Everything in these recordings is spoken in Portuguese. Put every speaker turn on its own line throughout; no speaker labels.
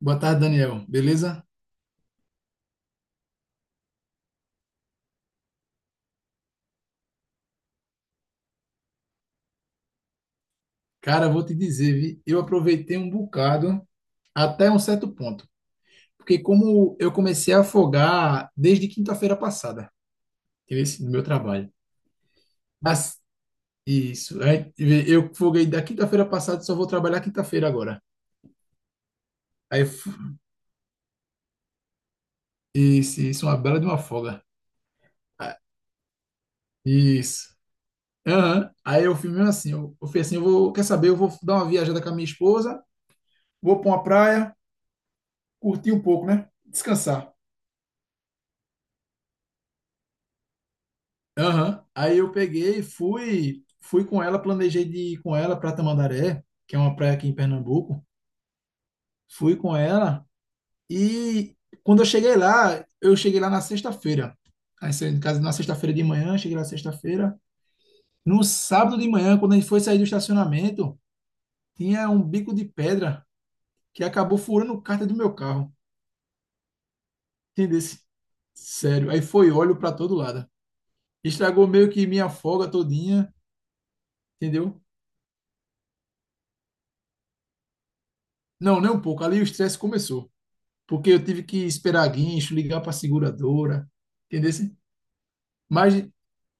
Boa tarde, Daniel. Beleza? Cara, vou te dizer, vi, eu aproveitei um bocado até um certo ponto, porque como eu comecei a afogar desde quinta-feira passada, esse no meu trabalho. Mas isso, aí, vê, eu foguei da quinta-feira passada, só vou trabalhar quinta-feira agora. Aí isso é uma bela de uma folga. Ah, isso. Aham. Aí eu fui mesmo assim, eu fui assim, eu vou, quer saber, eu vou dar uma viajada com a minha esposa, vou para uma praia, curtir um pouco, né? Descansar. Aham. Aí eu peguei, fui com ela, planejei de ir com ela para Tamandaré, que é uma praia aqui em Pernambuco. Fui com ela e quando eu cheguei lá na sexta-feira. Aí saí de casa na sexta-feira de manhã, cheguei lá sexta-feira. No sábado de manhã, quando a gente foi sair do estacionamento, tinha um bico de pedra que acabou furando o cárter do meu carro. Entendesse? Sério. Aí foi óleo para todo lado. Estragou meio que minha folga todinha, entendeu? Não, nem um pouco. Ali o estresse começou. Porque eu tive que esperar guincho, ligar para a seguradora, entendeu? Assim, Mas,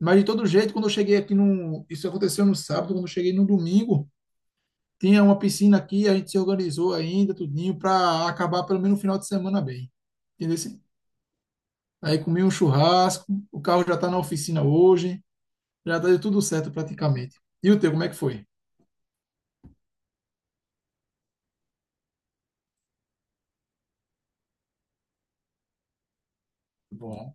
mas de todo jeito, quando eu cheguei aqui no, isso aconteceu no sábado, quando eu cheguei no domingo, tinha uma piscina aqui, a gente se organizou ainda, tudinho, para acabar pelo menos no final de semana bem, entendeu? Assim, aí comi um churrasco, o carro já está na oficina hoje, já deu tudo certo praticamente. E o teu, como é que foi? Bom,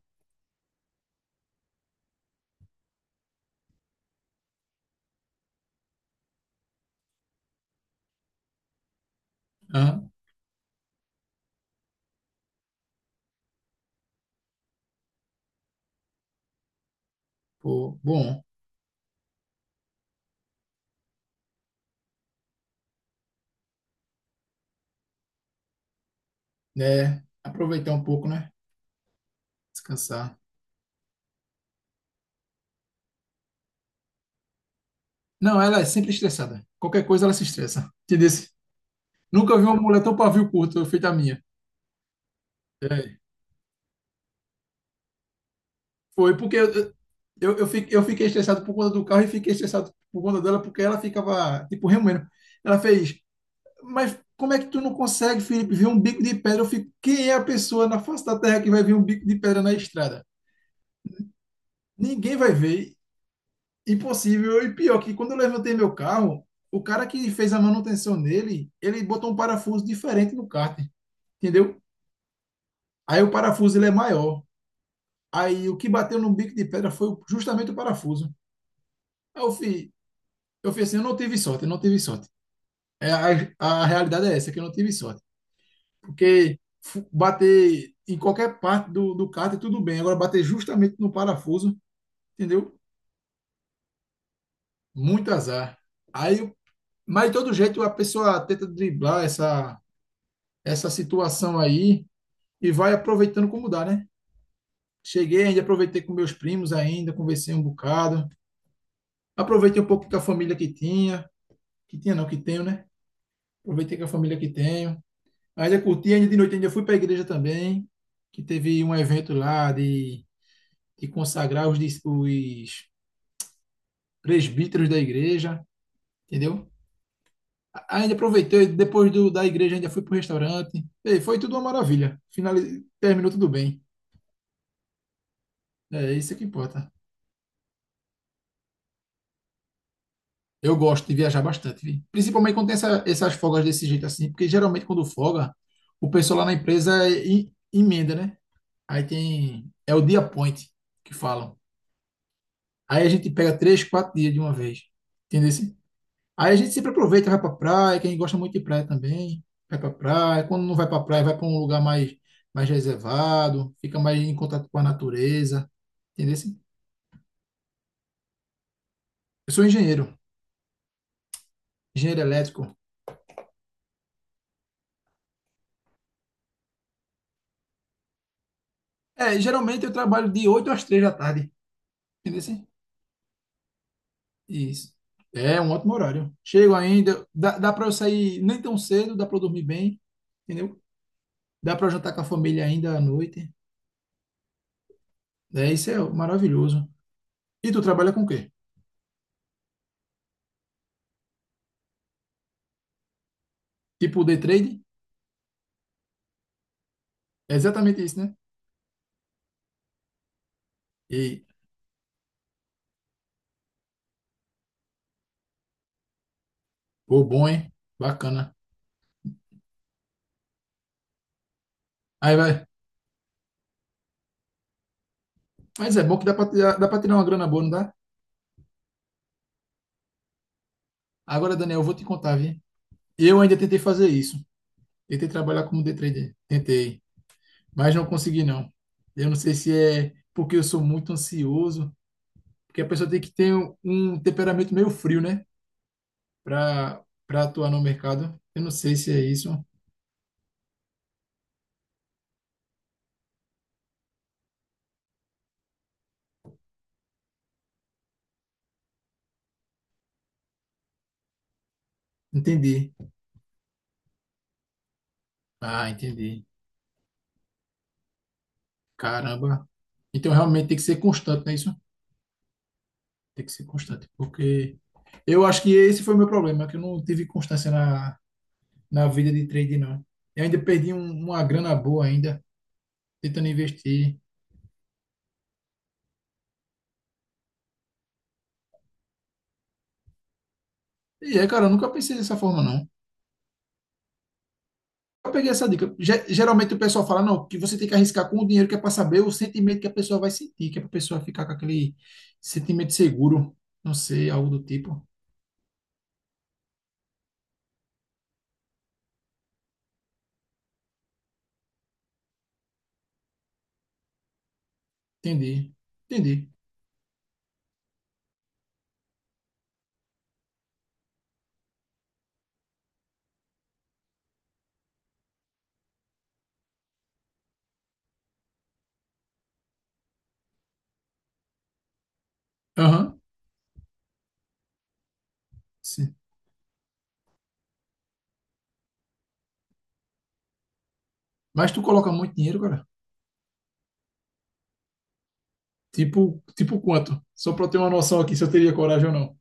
ah, pô, bom, né? Aproveitar um pouco, né? Descansar. Não, ela é sempre estressada. Qualquer coisa ela se estressa. Entendeu? Assim, nunca vi uma mulher tão pavio curto feita a minha. É. Foi porque eu fiquei estressado por conta do carro e fiquei estressado por conta dela porque ela ficava, tipo, remoendo. Ela fez, mas como é que tu não consegue, Felipe, ver um bico de pedra? Eu fico, quem é a pessoa na face da terra que vai ver um bico de pedra na estrada? Ninguém vai ver, impossível. E pior que quando eu levantei meu carro, o cara que fez a manutenção nele, ele botou um parafuso diferente no kart, entendeu? Aí o parafuso ele é maior. Aí o que bateu no bico de pedra foi justamente o parafuso. Aí eu fiz assim, eu não tive sorte, eu não tive sorte. É, a realidade é essa, que eu não tive sorte. Porque bater em qualquer parte do cárter, tudo bem. Agora bater justamente no parafuso, entendeu? Muito azar. Aí, mas de todo jeito a pessoa tenta driblar essa situação aí e vai aproveitando como dá, né? Cheguei ainda, aproveitei com meus primos ainda, conversei um bocado. Aproveitei um pouco com a família que tinha não, que tenho, né? Aproveitei com a família que tenho. Ainda curti, ainda de noite ainda fui para a igreja também, que teve um evento lá de consagrar os presbíteros da igreja, entendeu? Ainda aproveitei, depois da igreja ainda fui para o restaurante. Ei, foi tudo uma maravilha. Terminou tudo bem. É isso é que importa. Eu gosto de viajar bastante, vi. Principalmente quando tem essas folgas desse jeito assim, porque geralmente quando folga, o pessoal lá na empresa é emenda, né? Aí tem, é o dia point que falam. Aí a gente pega 3, 4 dias de uma vez. Entendeu? Assim? Aí a gente sempre aproveita, vai pra praia, quem gosta muito de praia também, vai pra praia. Quando não vai pra praia, vai pra um lugar mais reservado, fica mais em contato com a natureza. Entendeu? Assim? Eu sou engenheiro, engenheiro elétrico. É, geralmente eu trabalho de 8 às 3 da tarde. Entendeu? Assim? Isso. É um ótimo horário. Chego ainda, dá para eu sair nem tão cedo, dá para eu dormir bem, entendeu? Dá para eu jantar com a família ainda à noite. É, isso é maravilhoso. E tu trabalha com o quê? Tipo o day trade, é exatamente isso, né? E, pô, bom, hein? Bacana. Aí vai. Mas é bom que dá pra tirar uma grana boa, não dá? Agora, Daniel, eu vou te contar, viu? Eu ainda tentei fazer isso. Tentei trabalhar como day trader. Tentei. Mas não consegui, não. Eu não sei se é porque eu sou muito ansioso, porque a pessoa tem que ter um temperamento meio frio, né? Pra atuar no mercado. Eu não sei se é isso. Entendi. Ah, entendi. Caramba. Então, realmente tem que ser constante, não é isso? Tem que ser constante, porque eu acho que esse foi o meu problema, que eu não tive constância na vida de trade, não. E ainda perdi uma grana boa ainda, tentando investir. E é, cara, eu nunca pensei dessa forma, não. Eu peguei essa dica. Geralmente o pessoal fala, não, que você tem que arriscar com o dinheiro, que é para saber o sentimento que a pessoa vai sentir, que é para a pessoa ficar com aquele sentimento seguro, não sei, algo do tipo. Entendi, entendi. Aham, sim. Mas tu coloca muito dinheiro, cara? Tipo quanto? Só para eu ter uma noção aqui se eu teria coragem ou não.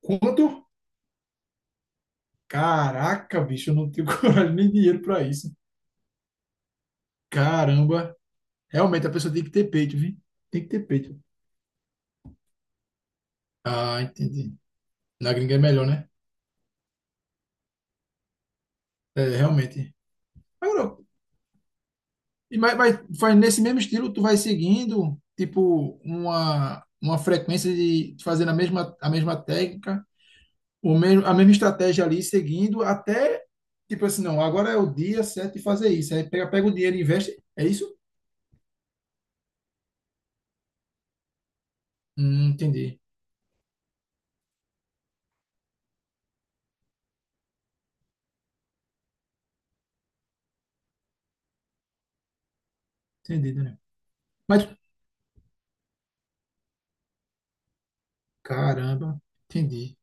Quanto? Caraca, bicho, eu não tenho coragem nem dinheiro pra isso. Caramba. Realmente, a pessoa tem que ter peito, viu? Tem que ter peito. Ah, entendi. Na gringa é melhor, né? É, realmente. Agora, e mas faz nesse mesmo estilo, tu vai seguindo, tipo, uma frequência de fazendo a mesma técnica, a mesma estratégia ali, seguindo, até, tipo assim, não, agora é o dia certo de fazer isso. Aí pega o dinheiro e investe. É isso? Entendi. Entendi, Daniel. Mas, caramba, entendi.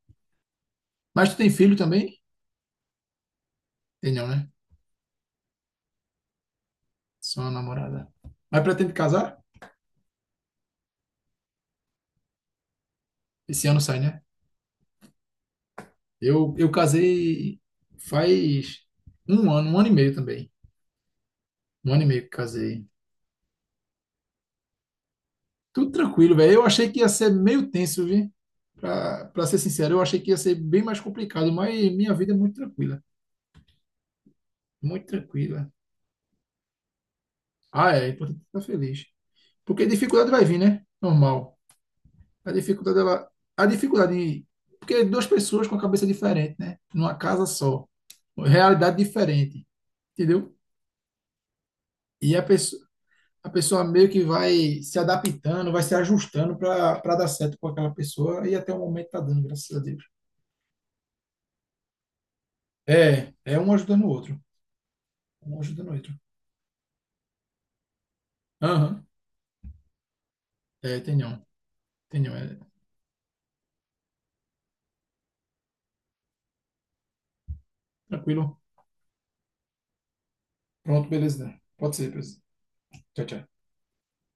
Mas tu tem filho também? Tem não, né? Só uma namorada. Mas pretende casar? Esse ano sai, né? Eu casei faz um ano e meio também. Um ano e meio que casei. Tudo tranquilo, velho. Eu achei que ia ser meio tenso, viu? Pra ser sincero, eu achei que ia ser bem mais complicado, mas minha vida é muito tranquila. Muito tranquila. Ah, é importante estar feliz. Porque dificuldade vai vir, né? Normal. A dificuldade, ela... A dificuldade... Porque duas pessoas com a cabeça diferente, né? Numa casa só. Realidade diferente, entendeu? E a pessoa meio que vai se adaptando, vai se ajustando para dar certo com aquela pessoa e até o momento tá dando, graças a Deus. É, é um ajudando o outro, um ajudando o outro. Aham, é, tenham, é tranquilo. Pronto, beleza. Pode ser, beleza. Tchau, tchau.